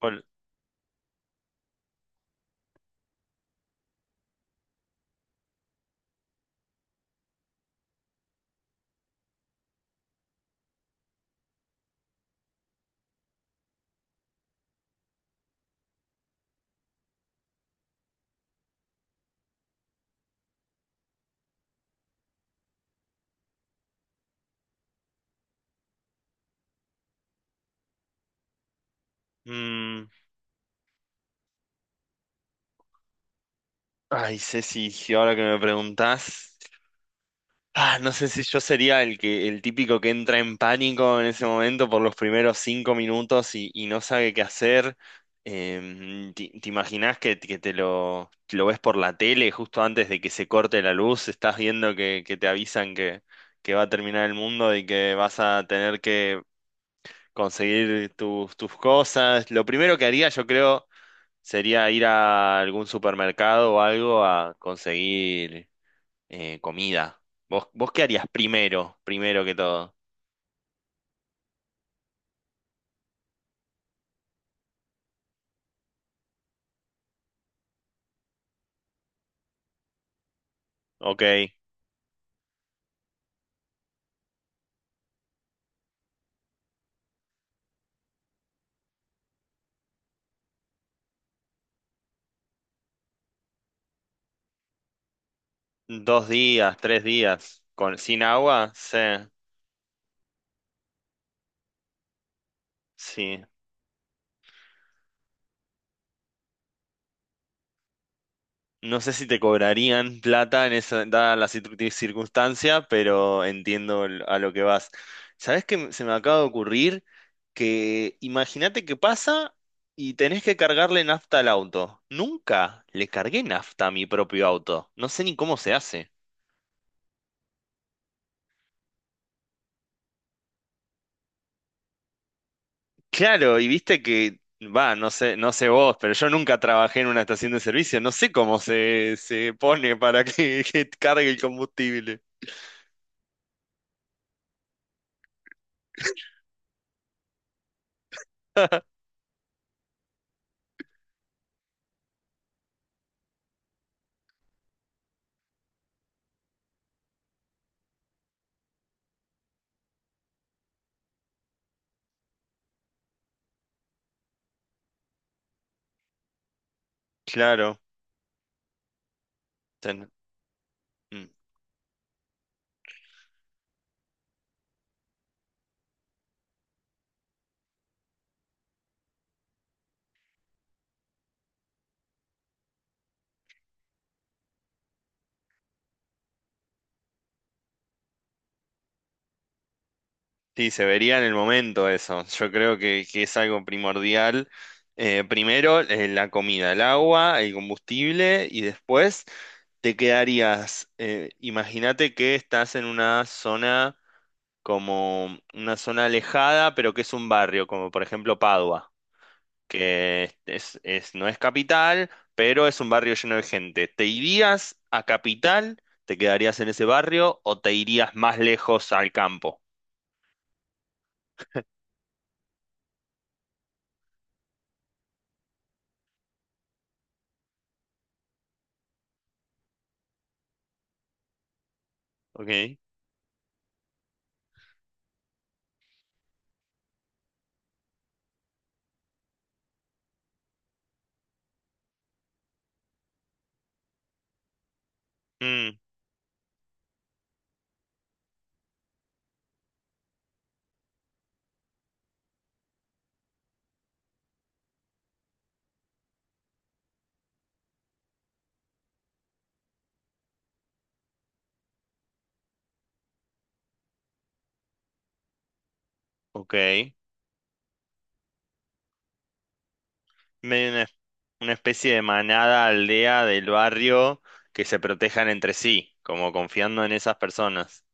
Bueno. mm, Ay, Ceci, si ahora que me preguntás, no sé si yo sería el típico que entra en pánico en ese momento por los primeros 5 minutos y no sabe qué hacer. Te imaginás que lo ves por la tele justo antes de que se corte la luz? Estás viendo que te avisan que va a terminar el mundo y que vas a tener que conseguir tus cosas. Lo primero que haría, yo creo, sería ir a algún supermercado o algo a conseguir comida. Vos qué harías primero, primero que todo? Ok, 2 días, 3 días, con, sin agua, sí, sí. No sé si te cobrarían plata en esa, dada la circunstancia, pero entiendo a lo que vas. ¿Sabés qué se me acaba de ocurrir? Que imagínate que pasa y tenés que cargarle nafta al auto. Nunca le cargué nafta a mi propio auto. No sé ni cómo se hace. Claro, y viste que, va, no sé, no sé vos, pero yo nunca trabajé en una estación de servicio. No sé cómo se pone para que, que cargue el combustible. Claro. ten- mm. Sí, se vería en el momento eso. Yo creo que es algo primordial. Primero, la comida, el agua, el combustible y después te quedarías, imagínate que estás en una zona como una zona alejada, pero que es un barrio, como por ejemplo Padua, que no es capital, pero es un barrio lleno de gente. ¿Te irías a capital? ¿Te quedarías en ese barrio o te irías más lejos al campo? Ok. Ok. Medio una especie de manada, aldea del barrio que se protejan entre sí, como confiando en esas personas.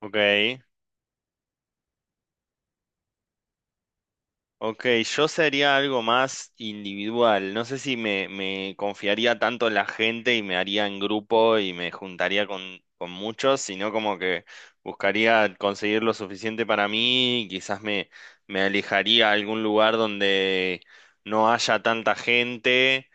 Ok. Ok, yo sería algo más individual. No sé si me confiaría tanto en la gente y me haría en grupo y me juntaría con muchos, sino como que buscaría conseguir lo suficiente para mí y quizás me alejaría a algún lugar donde no haya tanta gente.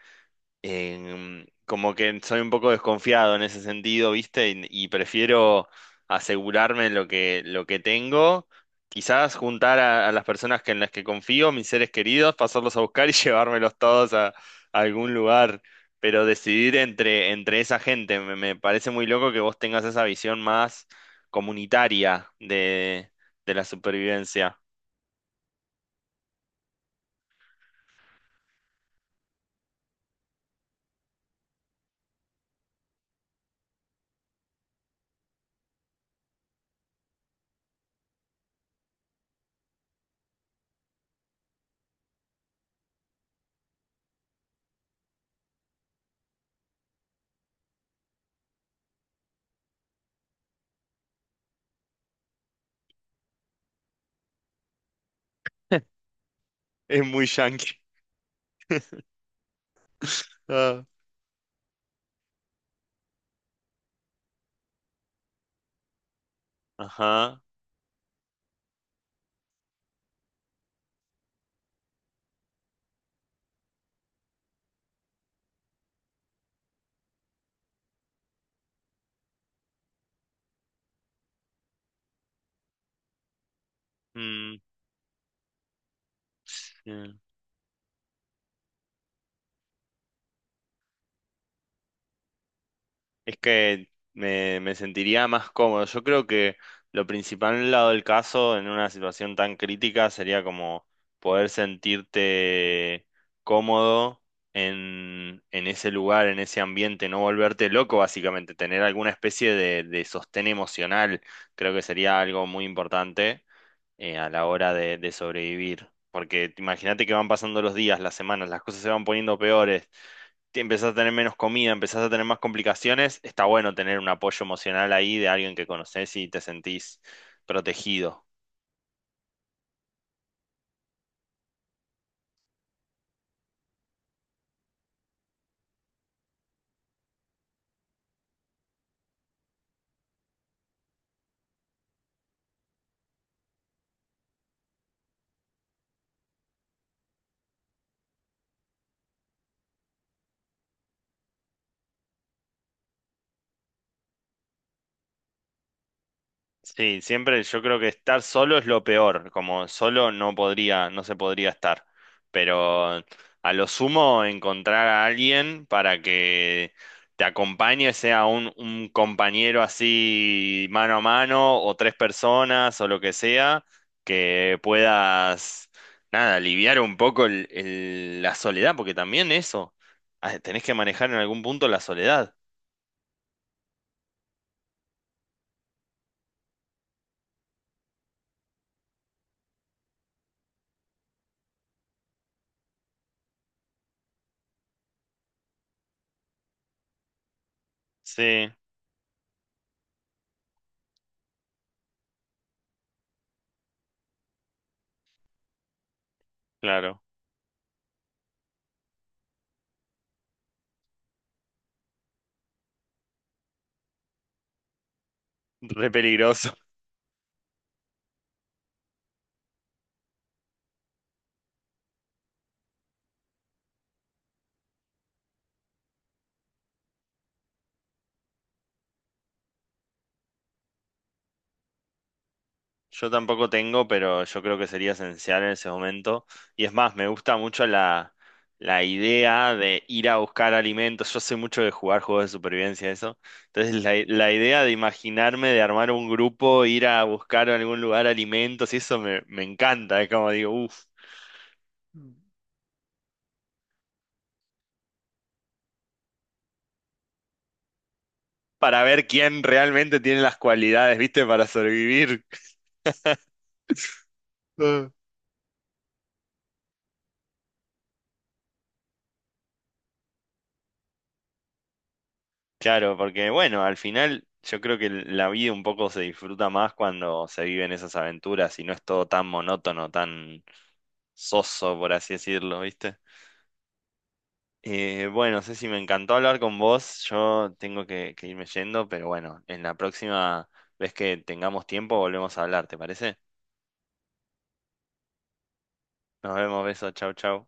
Como que soy un poco desconfiado en ese sentido, ¿viste? Y prefiero asegurarme lo que tengo, quizás juntar a las personas que, en las que confío, mis seres queridos, pasarlos a buscar y llevármelos todos a algún lugar. Pero decidir entre esa gente, me parece muy loco que vos tengas esa visión más comunitaria de la supervivencia. Es muy yankee. Ah. Ajá. Mm, sí. Es que me sentiría más cómodo. Yo creo que lo principal en el lado del caso, en una situación tan crítica, sería como poder sentirte cómodo en ese lugar, en ese ambiente, no volverte loco, básicamente, tener alguna especie de sostén emocional, creo que sería algo muy importante a la hora de sobrevivir. Porque imagínate que van pasando los días, las semanas, las cosas se van poniendo peores. Empezás a tener menos comida, empezás a tener más complicaciones, está bueno tener un apoyo emocional ahí de alguien que conoces y te sentís protegido. Sí, siempre yo creo que estar solo es lo peor, como solo no podría, no se podría estar, pero a lo sumo encontrar a alguien para que te acompañe, sea un compañero así mano a mano o tres personas o lo que sea, que puedas, nada, aliviar un poco la soledad, porque también eso, tenés que manejar en algún punto la soledad. Sí, claro, re peligroso. Yo tampoco tengo, pero yo creo que sería esencial en ese momento. Y es más, me gusta mucho la idea de ir a buscar alimentos. Yo sé mucho de jugar juegos de supervivencia, eso. Entonces, la idea de imaginarme, de armar un grupo, ir a buscar en algún lugar alimentos, y eso me encanta. Es como digo, uff, para ver quién realmente tiene las cualidades, ¿viste? Para sobrevivir. Claro, porque bueno, al final yo creo que la vida un poco se disfruta más cuando se viven esas aventuras y no es todo tan monótono, tan soso, por así decirlo, ¿viste? Bueno, Ceci, me encantó hablar con vos. Yo tengo que irme yendo, pero bueno, en la próxima vez que tengamos tiempo volvemos a hablar, ¿te parece? Nos vemos, besos, chau, chau.